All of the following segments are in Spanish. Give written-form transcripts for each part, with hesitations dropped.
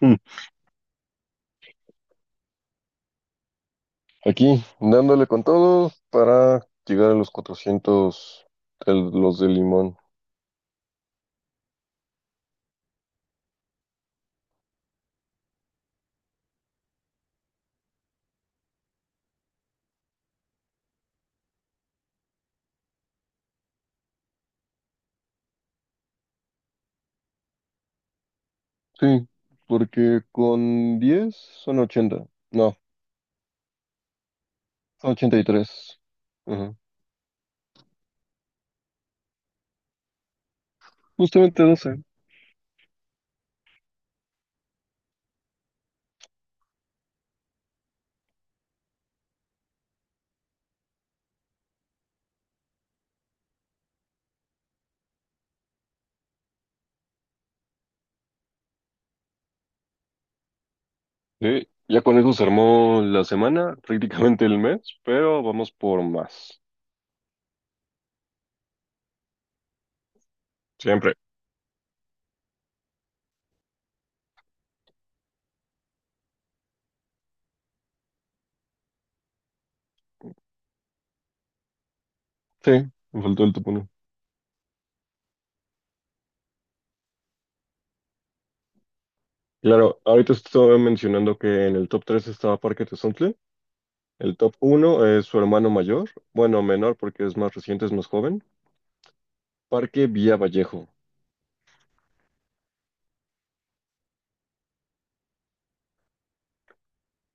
Mm. Aquí, dándole con todo para llegar a los 400 los de limón. Sí, porque con 10 son 80. No, son 83. Ajá. Justamente 12. Sí, ya con eso se armó la semana, prácticamente el mes, pero vamos por más. Siempre. Sí, me faltó el top uno. Claro, ahorita estaba mencionando que en el top 3 estaba Parque Tezontle. El top uno es su hermano mayor, bueno, menor porque es más reciente, es más joven. Parque Villa Vallejo.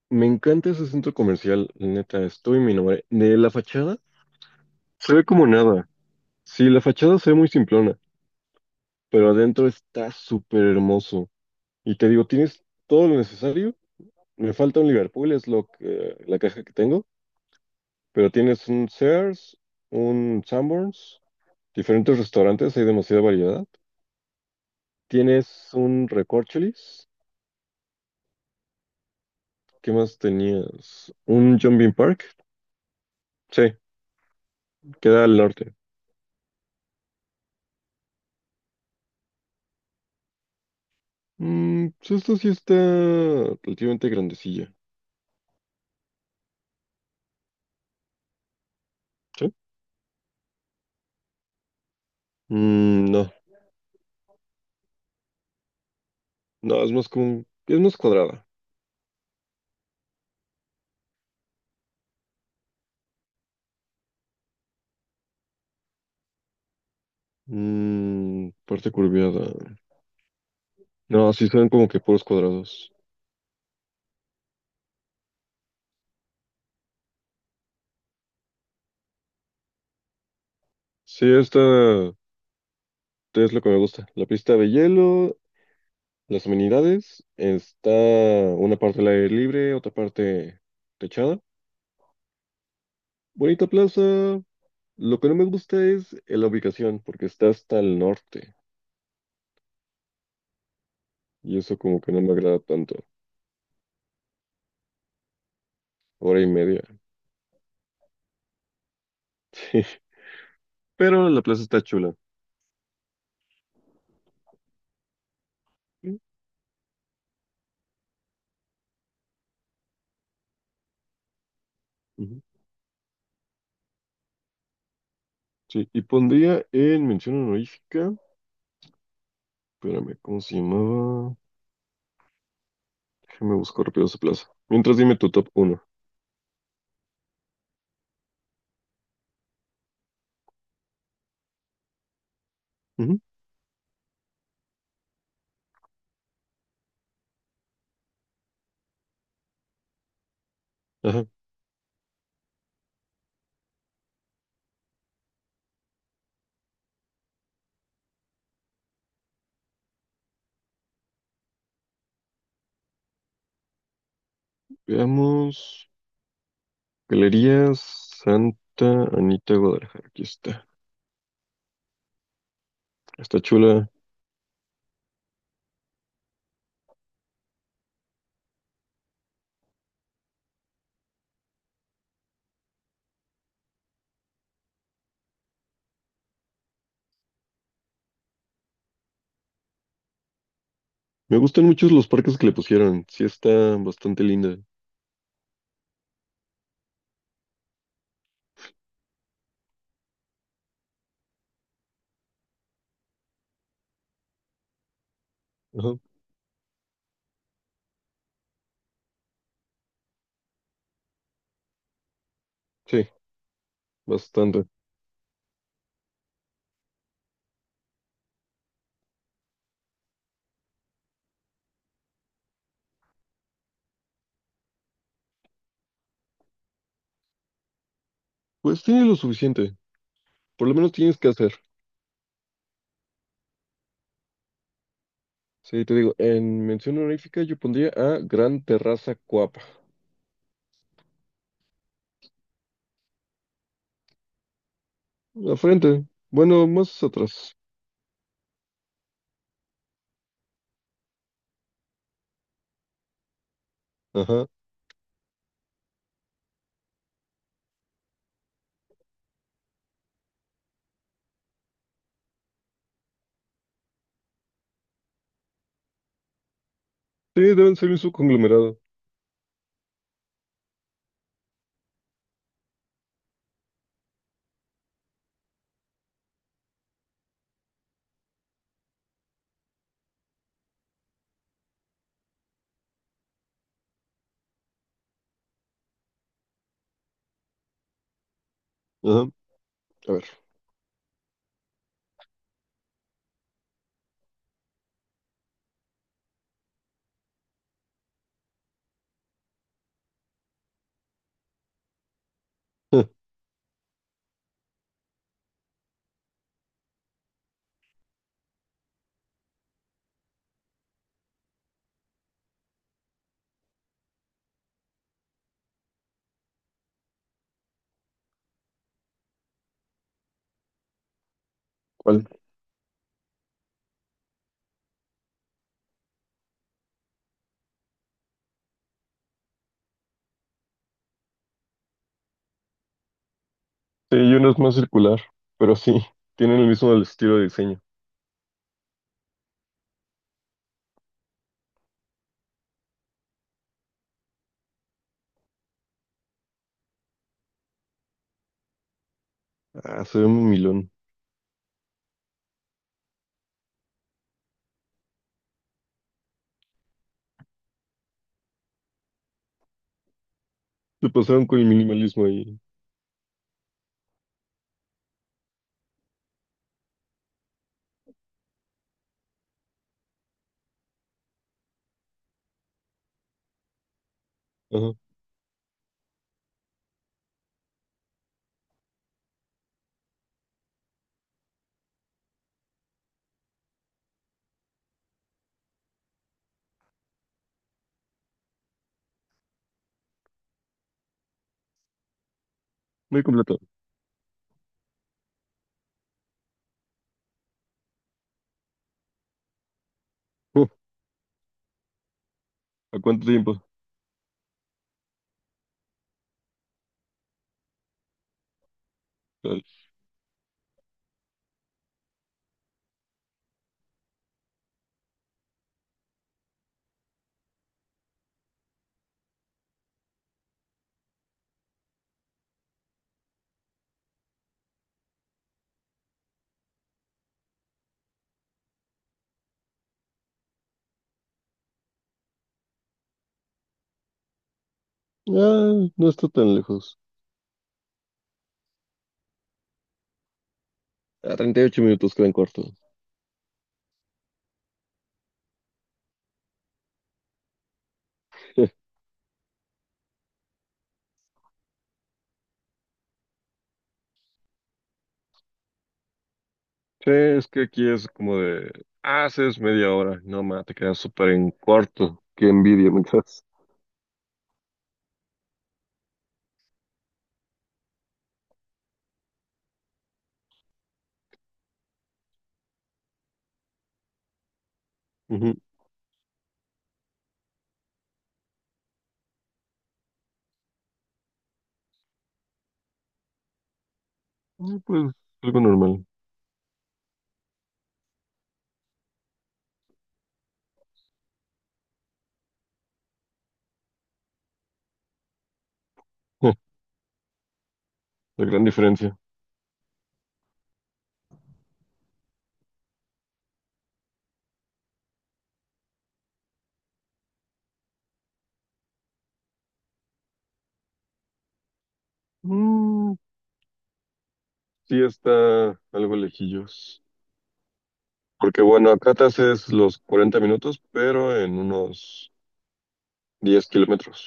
Me encanta ese centro comercial, la neta, estoy mi nombre. De la fachada, se ve como nada. Sí, la fachada se ve muy simplona, pero adentro está súper hermoso. Y te digo, tienes todo lo necesario. Me falta un Liverpool, es lo que, la caja que tengo, pero tienes un Sears, un Sanborns, diferentes restaurantes, hay demasiada variedad. Tienes un Recorcholis, ¿qué más tenías? Un Jumping Park, sí, queda al norte. Pues esta sí está relativamente grandecilla. ¿Sí? No, no, es más cuadrada. Parte curviada. No, sí son como que puros cuadrados. Sí, esta es lo que me gusta. La pista de hielo, las amenidades, está una parte al aire libre, otra parte techada. Bonita plaza. Lo que no me gusta es la ubicación, porque está hasta el norte. Y eso como que no me agrada tanto. Hora y media. Pero la plaza está chula. Sí, ujú, sí. Y pondría en mención honorífica. Espérame, ¿cómo se llamaba? Déjame buscar rápido esa plaza. Mientras dime tu top 1. Ajá. Veamos. Galerías Santa Anita Guadalajara. Aquí está. Está chula. Me gustan mucho los parques que le pusieron. Sí, está bastante linda. Ajá. Sí, bastante. Pues tiene lo suficiente. Por lo menos tienes que hacer. Sí, te digo, en mención honorífica yo pondría a Gran Terraza Coap. La frente. Bueno, más atrás. Ajá. Sí, deben ser un subconglomerado. Ajá. A ver. ¿Cuál? Sí, y uno es más circular, pero sí, tienen el mismo estilo de diseño. Ah, se ve muy milón. Se pasaron con el minimalismo ahí. Ajá. Muy completo. Uh, ¿a cuánto tiempo? Tal. Ah, no está tan lejos. A 38 minutos quedan cortos. Sí, es que aquí es como de, haces media hora, no ma, te quedas súper en corto. Qué envidia, me quedas. Ah, pues, algo normal. La gran diferencia. Mm, sí está algo lejillos. Porque bueno, acá te haces los 40 minutos, pero en unos 10 kilómetros.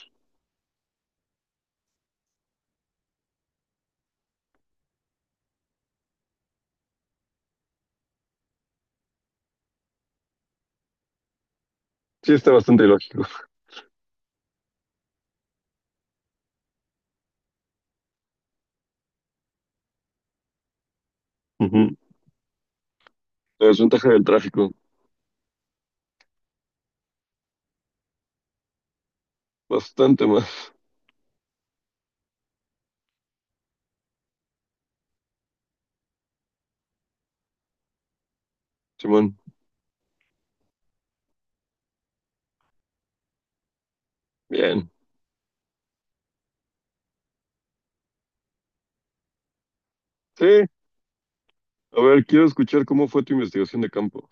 Sí está bastante ilógico. Ujú. La desventaja del tráfico. Bastante más. Simón. Bien. Sí. A ver, quiero escuchar cómo fue tu investigación de campo.